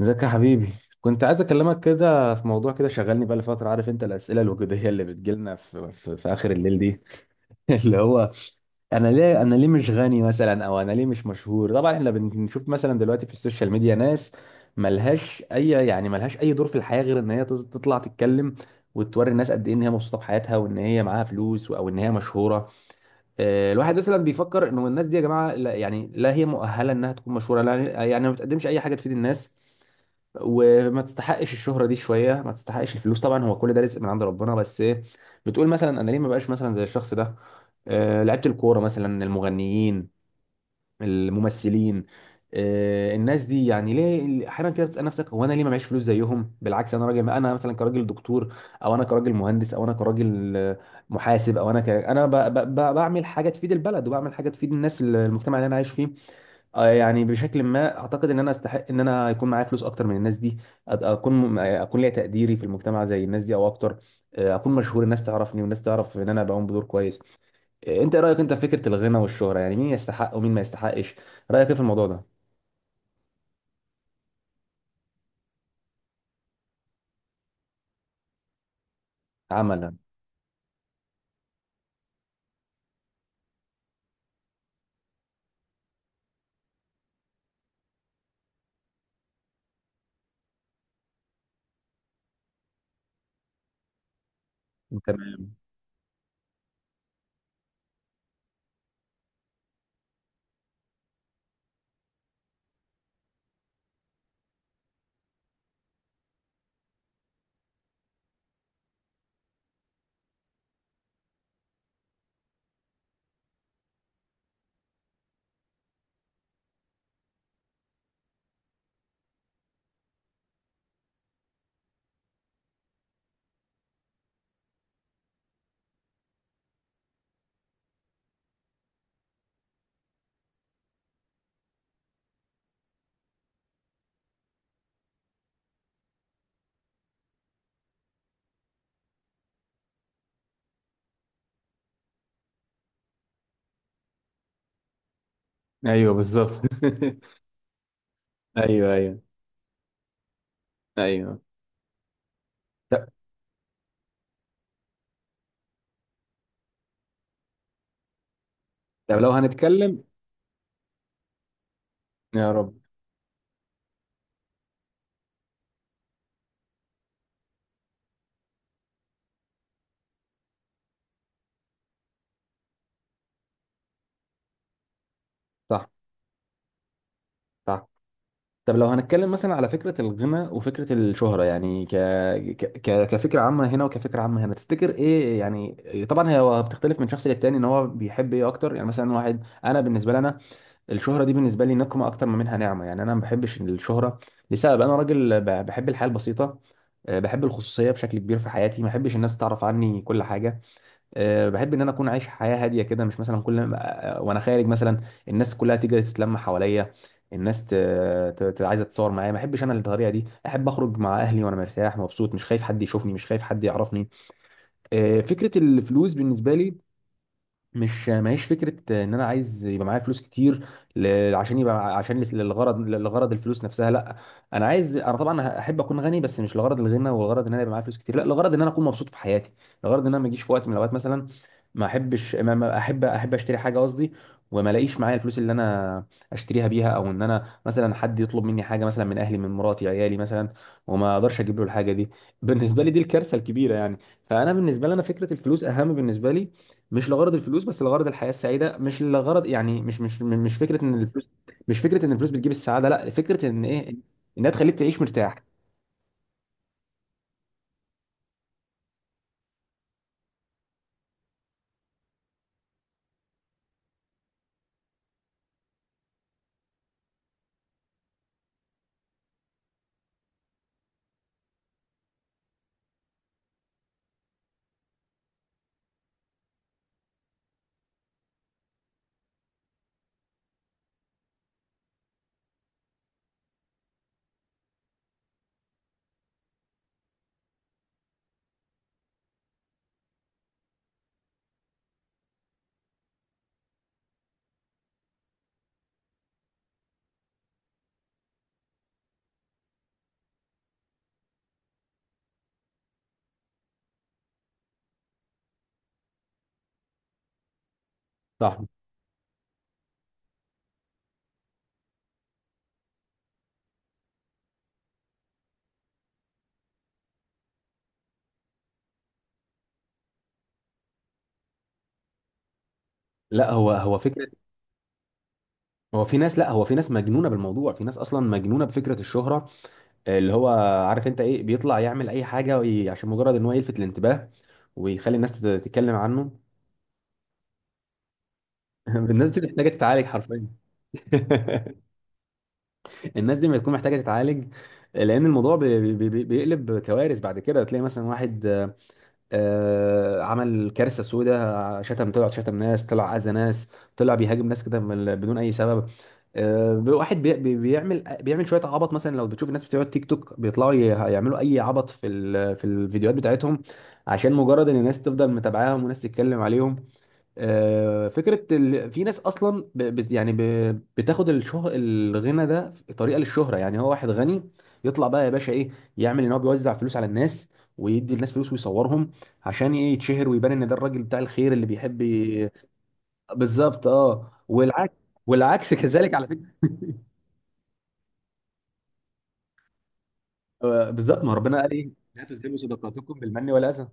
ازيك يا حبيبي. كنت عايز اكلمك كده في موضوع كده شغلني بقى لفتره. عارف انت الاسئله الوجوديه اللي بتجيلنا في اخر الليل دي. اللي هو انا ليه مش غني مثلا، او انا ليه مش مشهور؟ طبعا احنا بنشوف مثلا دلوقتي في السوشيال ميديا ناس ملهاش اي دور في الحياه غير ان هي تطلع تتكلم، وتوري الناس قد ايه ان هي مبسوطه بحياتها، وان هي معاها فلوس، او ان هي مشهوره. الواحد مثلا بيفكر انه الناس دي، يا جماعه، لا يعني، لا هي مؤهله انها تكون مشهوره، لا، يعني ما بتقدمش اي حاجه تفيد الناس، وما تستحقش الشهرة دي، شوية ما تستحقش الفلوس. طبعا هو كل ده رزق من عند ربنا، بس ايه، بتقول مثلا انا ليه ما بقاش مثلا زي الشخص ده؟ لعيبة الكورة مثلا، المغنيين، الممثلين. الناس دي، يعني ليه احيانا كده بتسأل نفسك هو انا ليه ما معيش فلوس زيهم؟ بالعكس، انا راجل، انا مثلا كراجل دكتور، او انا كراجل مهندس، او انا كراجل محاسب، او انا ك... انا ب... ب... ب- بعمل حاجة تفيد البلد، وبعمل حاجة تفيد الناس، المجتمع اللي انا عايش فيه. يعني بشكل ما اعتقد ان انا استحق ان انا يكون معايا فلوس اكتر من الناس دي. اكون ليا تقديري في المجتمع زي الناس دي او اكتر. اكون مشهور، الناس تعرفني، والناس تعرف ان انا بقوم بدور كويس. انت إيه رايك انت في فكره الغنى والشهره؟ يعني مين يستحق ومين ما يستحقش؟ رايك ايه في الموضوع ده؟ عملا. تمام. ايوه بالظبط. ايوه، ايوه. ايوه. طب. طب لو هنتكلم. يا رب. صح. صح. طب لو هنتكلم مثلا على فكرة الغنى وفكرة الشهرة، يعني كفكرة عامة هنا وكفكرة عامة هنا، تفتكر ايه يعني؟ طبعا هي بتختلف من شخص للتاني، ان هو بيحب ايه اكتر. يعني مثلا واحد، انا بالنسبة لي انا، الشهرة دي بالنسبة لي نقمة اكتر ما منها نعمة. يعني انا ما بحبش الشهرة لسبب انا راجل بحب الحياة البسيطة. بحب الخصوصية بشكل كبير في حياتي، ما بحبش الناس تعرف عني كل حاجة. بحب ان انا اكون عايش حياه هاديه كده، مش مثلا كل ما- آه، وانا خارج مثلا الناس كلها تيجي تتلم حواليا. الناس عايزه تتصور معايا، ما احبش انا الطريقه دي. احب اخرج مع اهلي وانا مرتاح مبسوط، مش خايف حد يشوفني، مش خايف حد يعرفني. فكره الفلوس بالنسبه لي، مش ماهيش فكره ان انا عايز يبقى معايا فلوس كتير، عشان يبقى، للغرض الفلوس نفسها، لا. انا طبعا احب اكون غني، بس مش لغرض الغنى والغرض ان انا يبقى معايا فلوس كتير، لا، لغرض ان انا اكون مبسوط في حياتي، لغرض ان انا ما اجيش في وقت من الاوقات مثلا ما احبش، ما احب اشتري حاجه، قصدي، وما الاقيش معايا الفلوس اللي انا اشتريها بيها. او ان انا مثلا حد يطلب مني حاجه، مثلا من اهلي، من مراتي، عيالي مثلا، وما اقدرش اجيب له الحاجه دي، بالنسبه لي دي الكارثه الكبيره يعني. فانا بالنسبه لي انا، فكره الفلوس اهم بالنسبه لي. مش لغرض الفلوس، بس لغرض الحياه السعيده. مش لغرض يعني، مش فكره ان الفلوس، مش فكره ان الفلوس بتجيب السعاده، لا، فكره ان ايه، انها تخليك تعيش مرتاح. صح. لا، هو فكره. هو في ناس، لا، هو في ناس مجنونه بالموضوع، في ناس اصلا مجنونه بفكره الشهره. اللي هو، عارف انت ايه، بيطلع يعمل اي حاجه عشان مجرد ان هو يلفت الانتباه ويخلي الناس تتكلم عنه. الناس دي محتاجه تتعالج حرفيا. الناس دي ما تكون محتاجه تتعالج، لان الموضوع بيقلب كوارث بعد كده. تلاقي مثلا واحد عمل كارثه سوداء، شتم، طلع شتم ناس، طلع اذى ناس، طلع بيهاجم ناس كده، بدون اي سبب. واحد بيعمل شويه عبط. مثلا لو بتشوف الناس بتوع التيك توك، بيطلعوا يعملوا اي عبط في في الفيديوهات بتاعتهم عشان مجرد ان الناس تفضل متابعاهم وناس تتكلم عليهم. فكرة في ناس أصلا ب... بت... يعني ب... بتاخد الغنى ده في طريقة للشهرة، يعني هو واحد غني يطلع بقى يا باشا إيه، يعمل إن هو بيوزع فلوس على الناس، ويدي الناس فلوس، ويصورهم عشان إيه؟ يتشهر ويبان إن ده الراجل بتاع الخير اللي بيحب بالظبط. أه، والعكس. والعكس كذلك، على فكرة. بالظبط، ما ربنا قال إيه، لا تزهبوا صدقاتكم بالمن والأذى.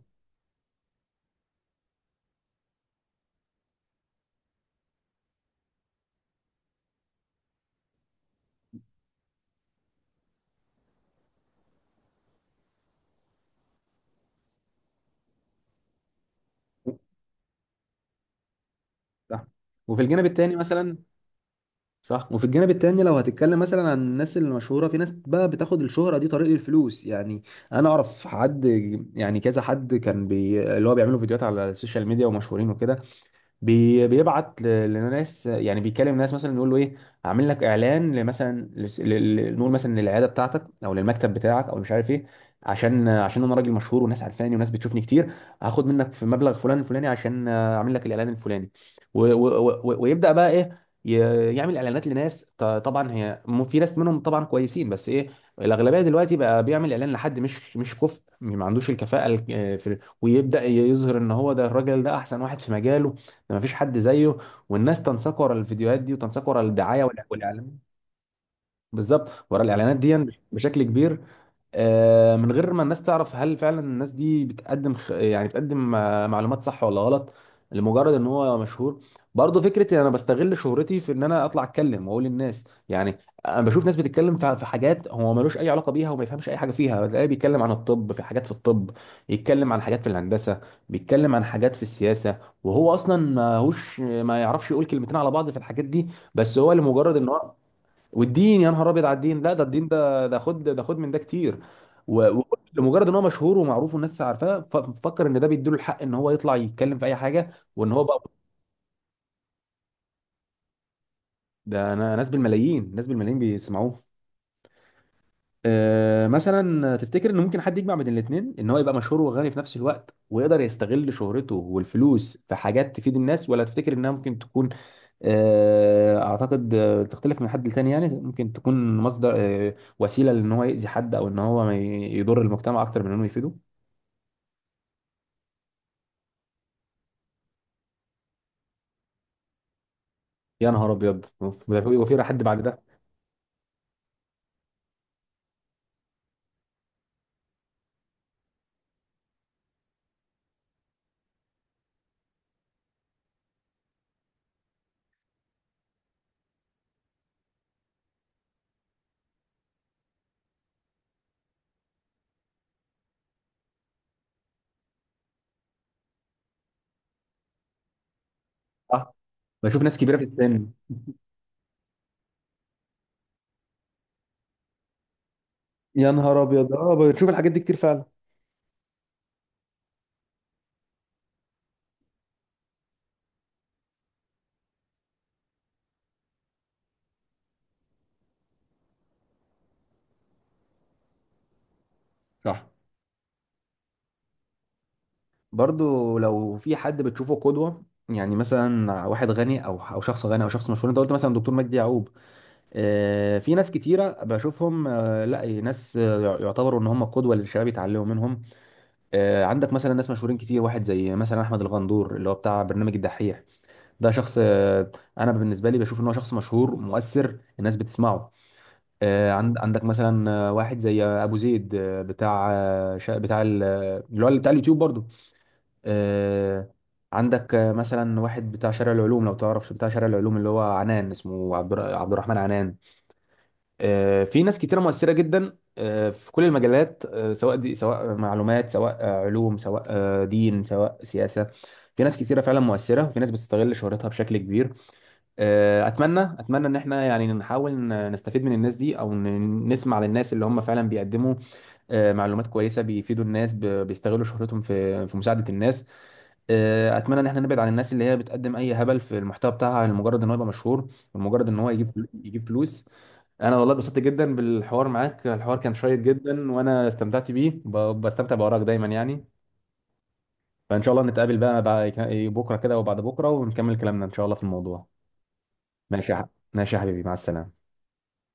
صح، وفي الجانب الثاني مثلا، صح، وفي الجانب التاني، لو هتتكلم مثلا عن الناس المشهوره، في ناس بقى بتاخد الشهره دي طريق الفلوس، يعني انا اعرف حد، يعني كذا حد، كان اللي هو بيعملوا فيديوهات على السوشيال ميديا ومشهورين وكده، بيبعت لناس، يعني بيكلم ناس مثلا يقول له ايه، اعمل لك اعلان لمثلا نقول مثلا للعياده بتاعتك او للمكتب بتاعك او مش عارف ايه، عشان انا راجل مشهور وناس عارفاني وناس بتشوفني كتير، هاخد منك في مبلغ فلان الفلاني عشان اعمل لك الاعلان الفلاني، و و و ويبدا بقى ايه، يعمل اعلانات لناس. طبعا هي، في ناس منهم طبعا كويسين، بس ايه، الاغلبيه دلوقتي بقى بيعمل اعلان لحد مش كفء، ما عندوش الكفاءه في، ويبدا يظهر ان هو ده، الراجل ده احسن واحد في مجاله، ده مفيش حد زيه. والناس تنساق ورا الفيديوهات دي، وتنساق ورا الدعايه والاعلان. بالظبط، ورا الاعلانات دي بشكل كبير. من غير ما الناس تعرف هل فعلا الناس دي بتقدم يعني بتقدم معلومات صح ولا غلط، لمجرد ان هو مشهور. برضه فكره ان انا بستغل شهرتي في ان انا اطلع اتكلم واقول للناس يعني، انا بشوف ناس بتتكلم في حاجات هو ملوش اي علاقه بيها، وما يفهمش اي حاجه فيها، تلاقيه بيتكلم عن الطب في حاجات في الطب، يتكلم عن حاجات في الهندسه، بيتكلم عن حاجات في السياسه، وهو اصلا ما هوش، ما يعرفش يقول كلمتين على بعض في الحاجات دي. بس هو لمجرد ان هو، والدين، يا نهار ابيض، على الدين، لا، ده الدين ده، ده خد، ده خد من ده كتير. و- و- لمجرد ان هو مشهور ومعروف والناس عارفاه، ففكر ان ده بيديله الحق ان هو يطلع يتكلم في اي حاجه، وان هو بقى، ده انا، ناس بالملايين، ناس بالملايين بيسمعوه. مثلا تفتكر ان ممكن حد يجمع بين الاثنين، ان هو يبقى مشهور وغني في نفس الوقت، ويقدر يستغل شهرته والفلوس في حاجات تفيد الناس، ولا تفتكر انها ممكن تكون اعتقد تختلف من حد لتاني، يعني ممكن تكون مصدر وسيلة لان هو يأذي حد، او ان هو ما ي- يضر المجتمع اكتر من انه يفيده. يا نهار ابيض، ده في وفي حد بعد ده؟ صح. بشوف ناس كبيرة في السن. يا نهار ابيض، اه، بشوف الحاجات دي كتير فعلا. صح. برضو لو في حد بتشوفه قدوة، يعني مثلا واحد غني، او او شخص غني، او شخص مشهور. انت قلت مثلا دكتور مجدي يعقوب، في ناس كتيره بشوفهم، لا ناس يعتبروا ان هم قدوه للشباب يتعلموا منهم. عندك مثلا ناس مشهورين كتير، واحد زي مثلا احمد الغندور اللي هو بتاع برنامج الدحيح، ده شخص، انا بالنسبه لي بشوف ان هو شخص مشهور مؤثر الناس بتسمعه. عندك مثلا، واحد زي ابو زيد، بتاع بتاع اللي هو بتاع اليوتيوب برضو. آه، عندك مثلا واحد بتاع شارع العلوم، لو تعرف بتاع شارع العلوم، اللي هو عنان، اسمه عبد الرحمن عنان. في ناس كتيرة مؤثرة جدا في كل المجالات، سواء دي، سواء معلومات، سواء علوم، سواء دين، سواء سياسة. في ناس كتيرة فعلا مؤثرة، وفي ناس بتستغل شهرتها بشكل كبير. أتمنى، أتمنى إن احنا يعني نحاول نستفيد من الناس دي، أو نسمع للناس اللي هم فعلا بيقدموا معلومات كويسه بيفيدوا الناس، بيستغلوا شهرتهم في مساعده الناس. اتمنى ان احنا نبعد عن الناس اللي هي بتقدم اي هبل في المحتوى بتاعها، لمجرد ان هو يبقى مشهور، ولمجرد ان هو يجيب يجيب فلوس. انا والله اتبسطت جدا بالحوار معاك، الحوار كان شيق جدا، وانا استمتعت بيه، بستمتع بارائك دايما يعني. فان شاء الله نتقابل بقى بعد بكره كده وبعد بكره، ونكمل كلامنا ان شاء الله في الموضوع. ماشي ماشي يا حبيبي، مع السلامه.